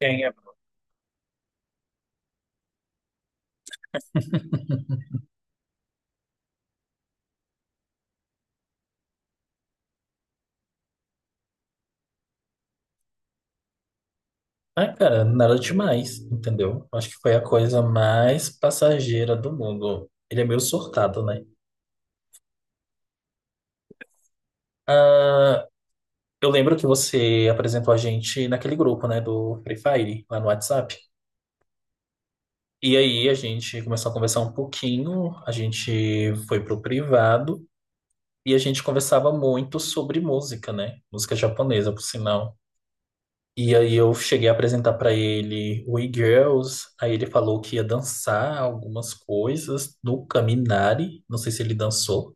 Ganha. Ah, cara, nada demais, entendeu? Acho que foi a coisa mais passageira do mundo. Ele é meio surtado, né? Ah, eu lembro que você apresentou a gente naquele grupo, né, do Free Fire, lá no WhatsApp. E aí a gente começou a conversar um pouquinho, a gente foi pro privado e a gente conversava muito sobre música, né? Música japonesa, por sinal. E aí eu cheguei a apresentar pra ele We Girls, aí ele falou que ia dançar algumas coisas no Caminari, não sei se ele dançou.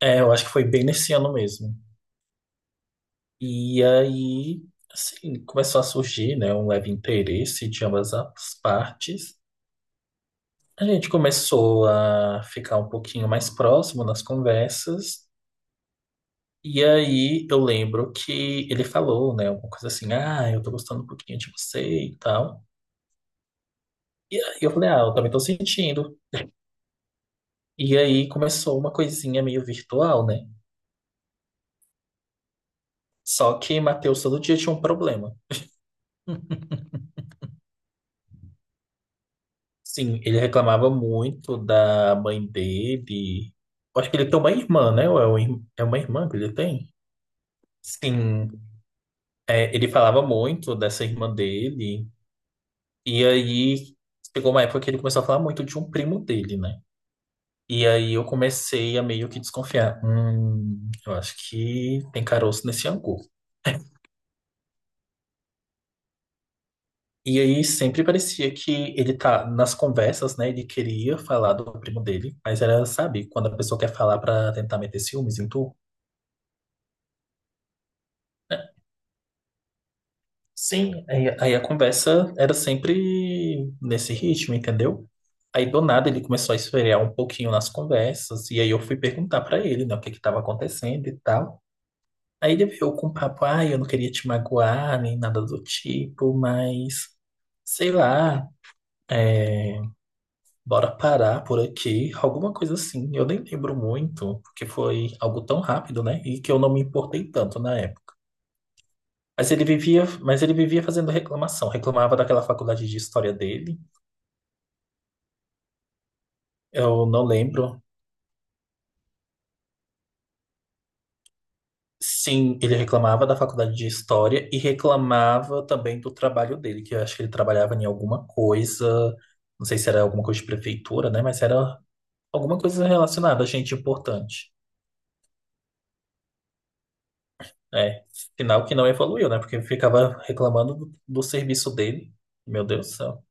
É, eu acho que foi bem nesse ano mesmo. E aí, assim, começou a surgir, né, um leve interesse de ambas as partes. A gente começou a ficar um pouquinho mais próximo nas conversas. E aí eu lembro que ele falou, né, alguma coisa assim, ah, eu tô gostando um pouquinho de você e tal. E aí eu falei, ah, eu também tô sentindo. E aí começou uma coisinha meio virtual, né? Só que Matheus todo dia tinha um problema. Sim, ele reclamava muito da mãe dele. Eu acho que ele tem uma irmã, né? Ou é uma irmã que ele tem? Sim, é, ele falava muito dessa irmã dele. E aí chegou uma época que ele começou a falar muito de um primo dele, né? E aí eu comecei a meio que desconfiar. Eu acho que tem caroço nesse angu. E aí sempre parecia que ele tá nas conversas, né? Ele queria falar do primo dele, mas era, sabe, quando a pessoa quer falar pra tentar meter ciúmes em tu. Sim. Aí a conversa era sempre nesse ritmo, entendeu? Aí do nada ele começou a esfriar um pouquinho nas conversas, e aí eu fui perguntar pra ele, né, o que que tava acontecendo e tal. Aí ele veio com o papo, ah, eu não queria te magoar, nem nada do tipo, mas sei lá. é Bora parar por aqui, alguma coisa assim. Eu nem lembro muito, porque foi algo tão rápido, né? E que eu não me importei tanto na época. Mas ele vivia fazendo reclamação. Reclamava daquela faculdade de história dele. Eu não lembro. Sim, ele reclamava da faculdade de história e reclamava também do trabalho dele, que eu acho que ele trabalhava em alguma coisa, não sei se era alguma coisa de prefeitura, né? Mas era alguma coisa relacionada a gente importante. É, sinal que não evoluiu, né? Porque ficava reclamando do serviço dele. Meu Deus do céu.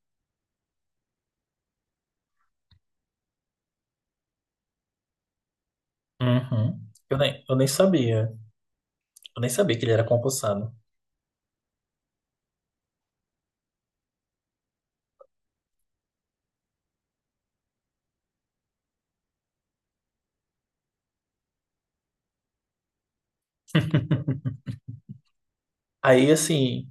Uhum. Eu nem sabia. Eu nem sabia que ele era concursado. Aí, assim,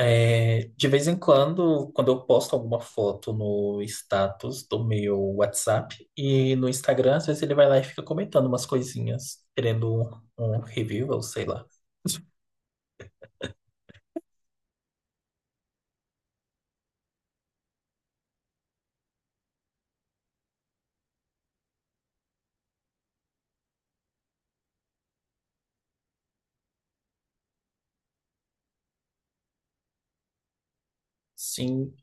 é, de vez em quando, quando eu posto alguma foto no status do meu WhatsApp e no Instagram, às vezes ele vai lá e fica comentando umas coisinhas, querendo um review, ou sei lá. Sim,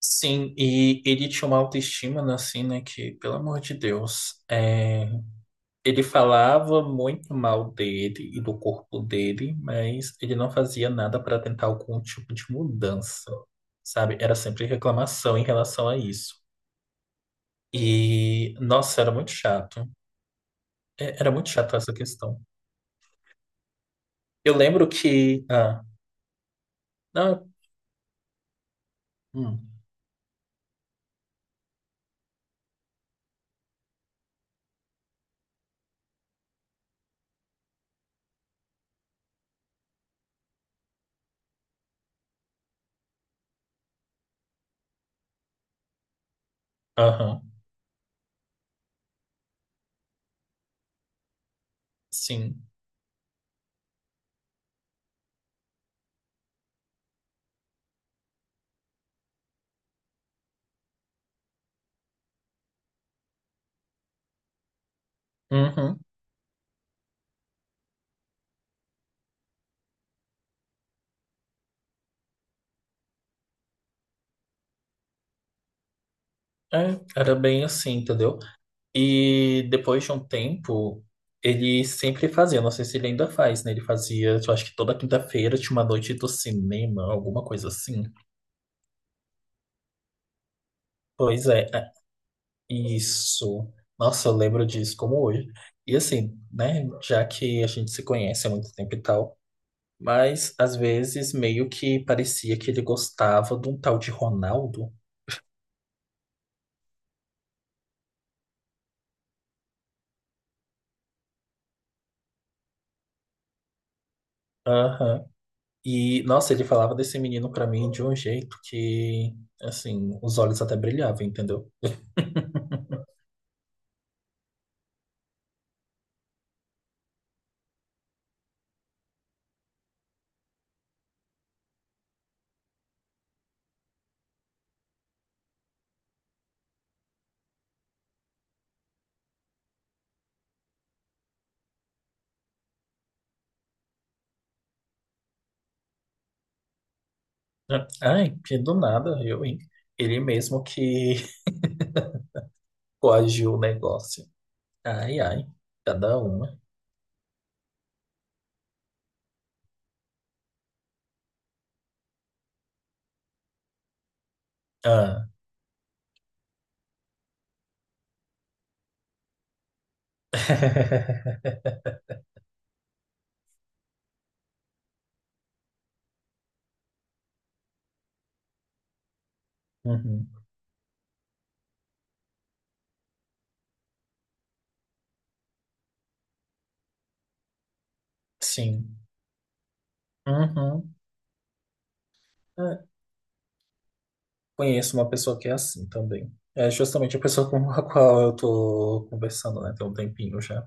sim. E ele tinha uma autoestima, né, assim, né? Que, pelo amor de Deus. Ele falava muito mal dele e do corpo dele, mas ele não fazia nada para tentar algum tipo de mudança, sabe? Era sempre reclamação em relação a isso. E, nossa, era muito chato. É, era muito chato essa questão. Eu lembro que. Ah, não, hum, aham, sim. Uhum, é, era bem assim, entendeu? E depois de um tempo, ele sempre fazia, não sei se ele ainda faz, né? Ele fazia, eu acho que toda quinta-feira tinha uma noite do cinema, alguma coisa assim. Pois é, isso. Nossa, eu lembro disso como hoje. E assim, né? Já que a gente se conhece há muito tempo e tal, mas às vezes meio que parecia que ele gostava de um tal de Ronaldo. Aham. E, nossa, ele falava desse menino pra mim de um jeito que, assim, os olhos até brilhavam, entendeu? Ai, que do nada, viu, hein? Ele mesmo que coagiu o negócio. Ai, ai, cada uma. Ah. Uhum. Sim. Uhum. É, conheço uma pessoa que é assim também. É justamente a pessoa com a qual eu tô conversando, né? Tem um tempinho já.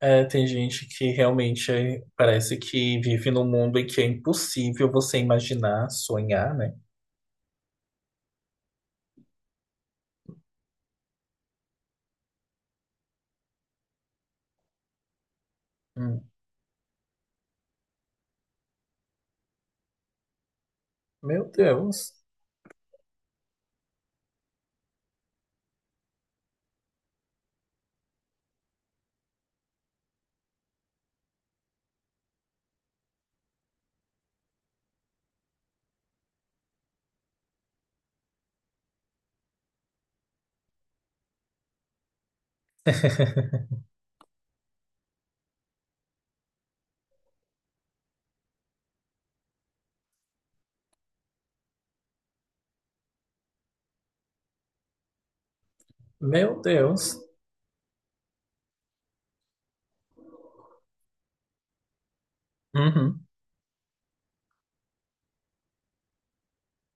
É, tem gente que realmente é- parece que vive num mundo em que é impossível você imaginar, sonhar, né? Hum. Meu Deus. Meu Deus. Uhum.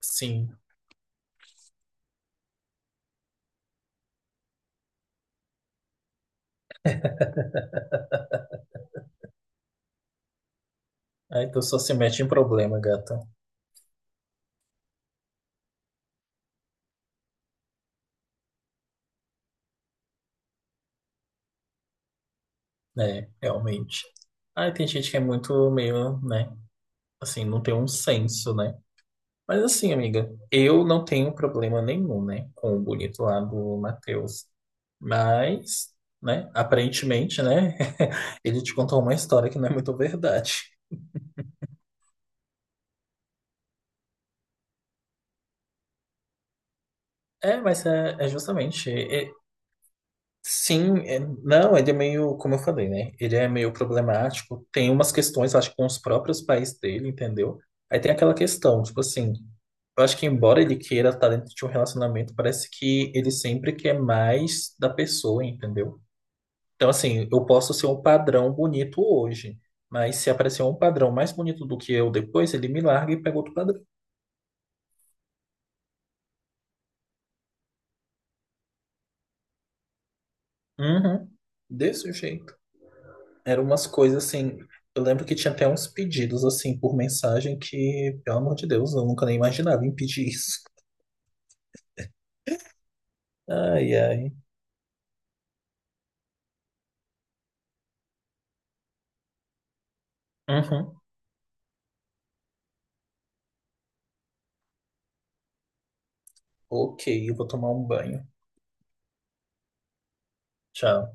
Sim. É que eu só se mete em problema, gata. É, realmente. Aí tem gente que é muito meio, né? Assim, não tem um senso, né? Mas assim, amiga, eu não tenho problema nenhum, né? Com o bonito lá do Matheus. Mas, né? Aparentemente, né? Ele te contou uma história que não é muito verdade. É, mas é justamente. Sim, é- não, ele é meio, como eu falei, né? Ele é meio problemático. Tem umas questões, acho que com os próprios pais dele, entendeu? Aí tem aquela questão, tipo assim, eu acho que embora ele queira estar dentro de um relacionamento, parece que ele sempre quer mais da pessoa, entendeu? Então, assim, eu posso ser um padrão bonito hoje, mas se aparecer um padrão mais bonito do que eu depois, ele me larga e pega outro padrão. Uhum, desse jeito. Eram umas coisas assim. Eu lembro que tinha até uns pedidos assim por mensagem que, pelo amor de Deus, eu nunca nem imaginava em pedir isso. Ai, ai. Uhum. Ok, eu vou tomar um banho. Tchau.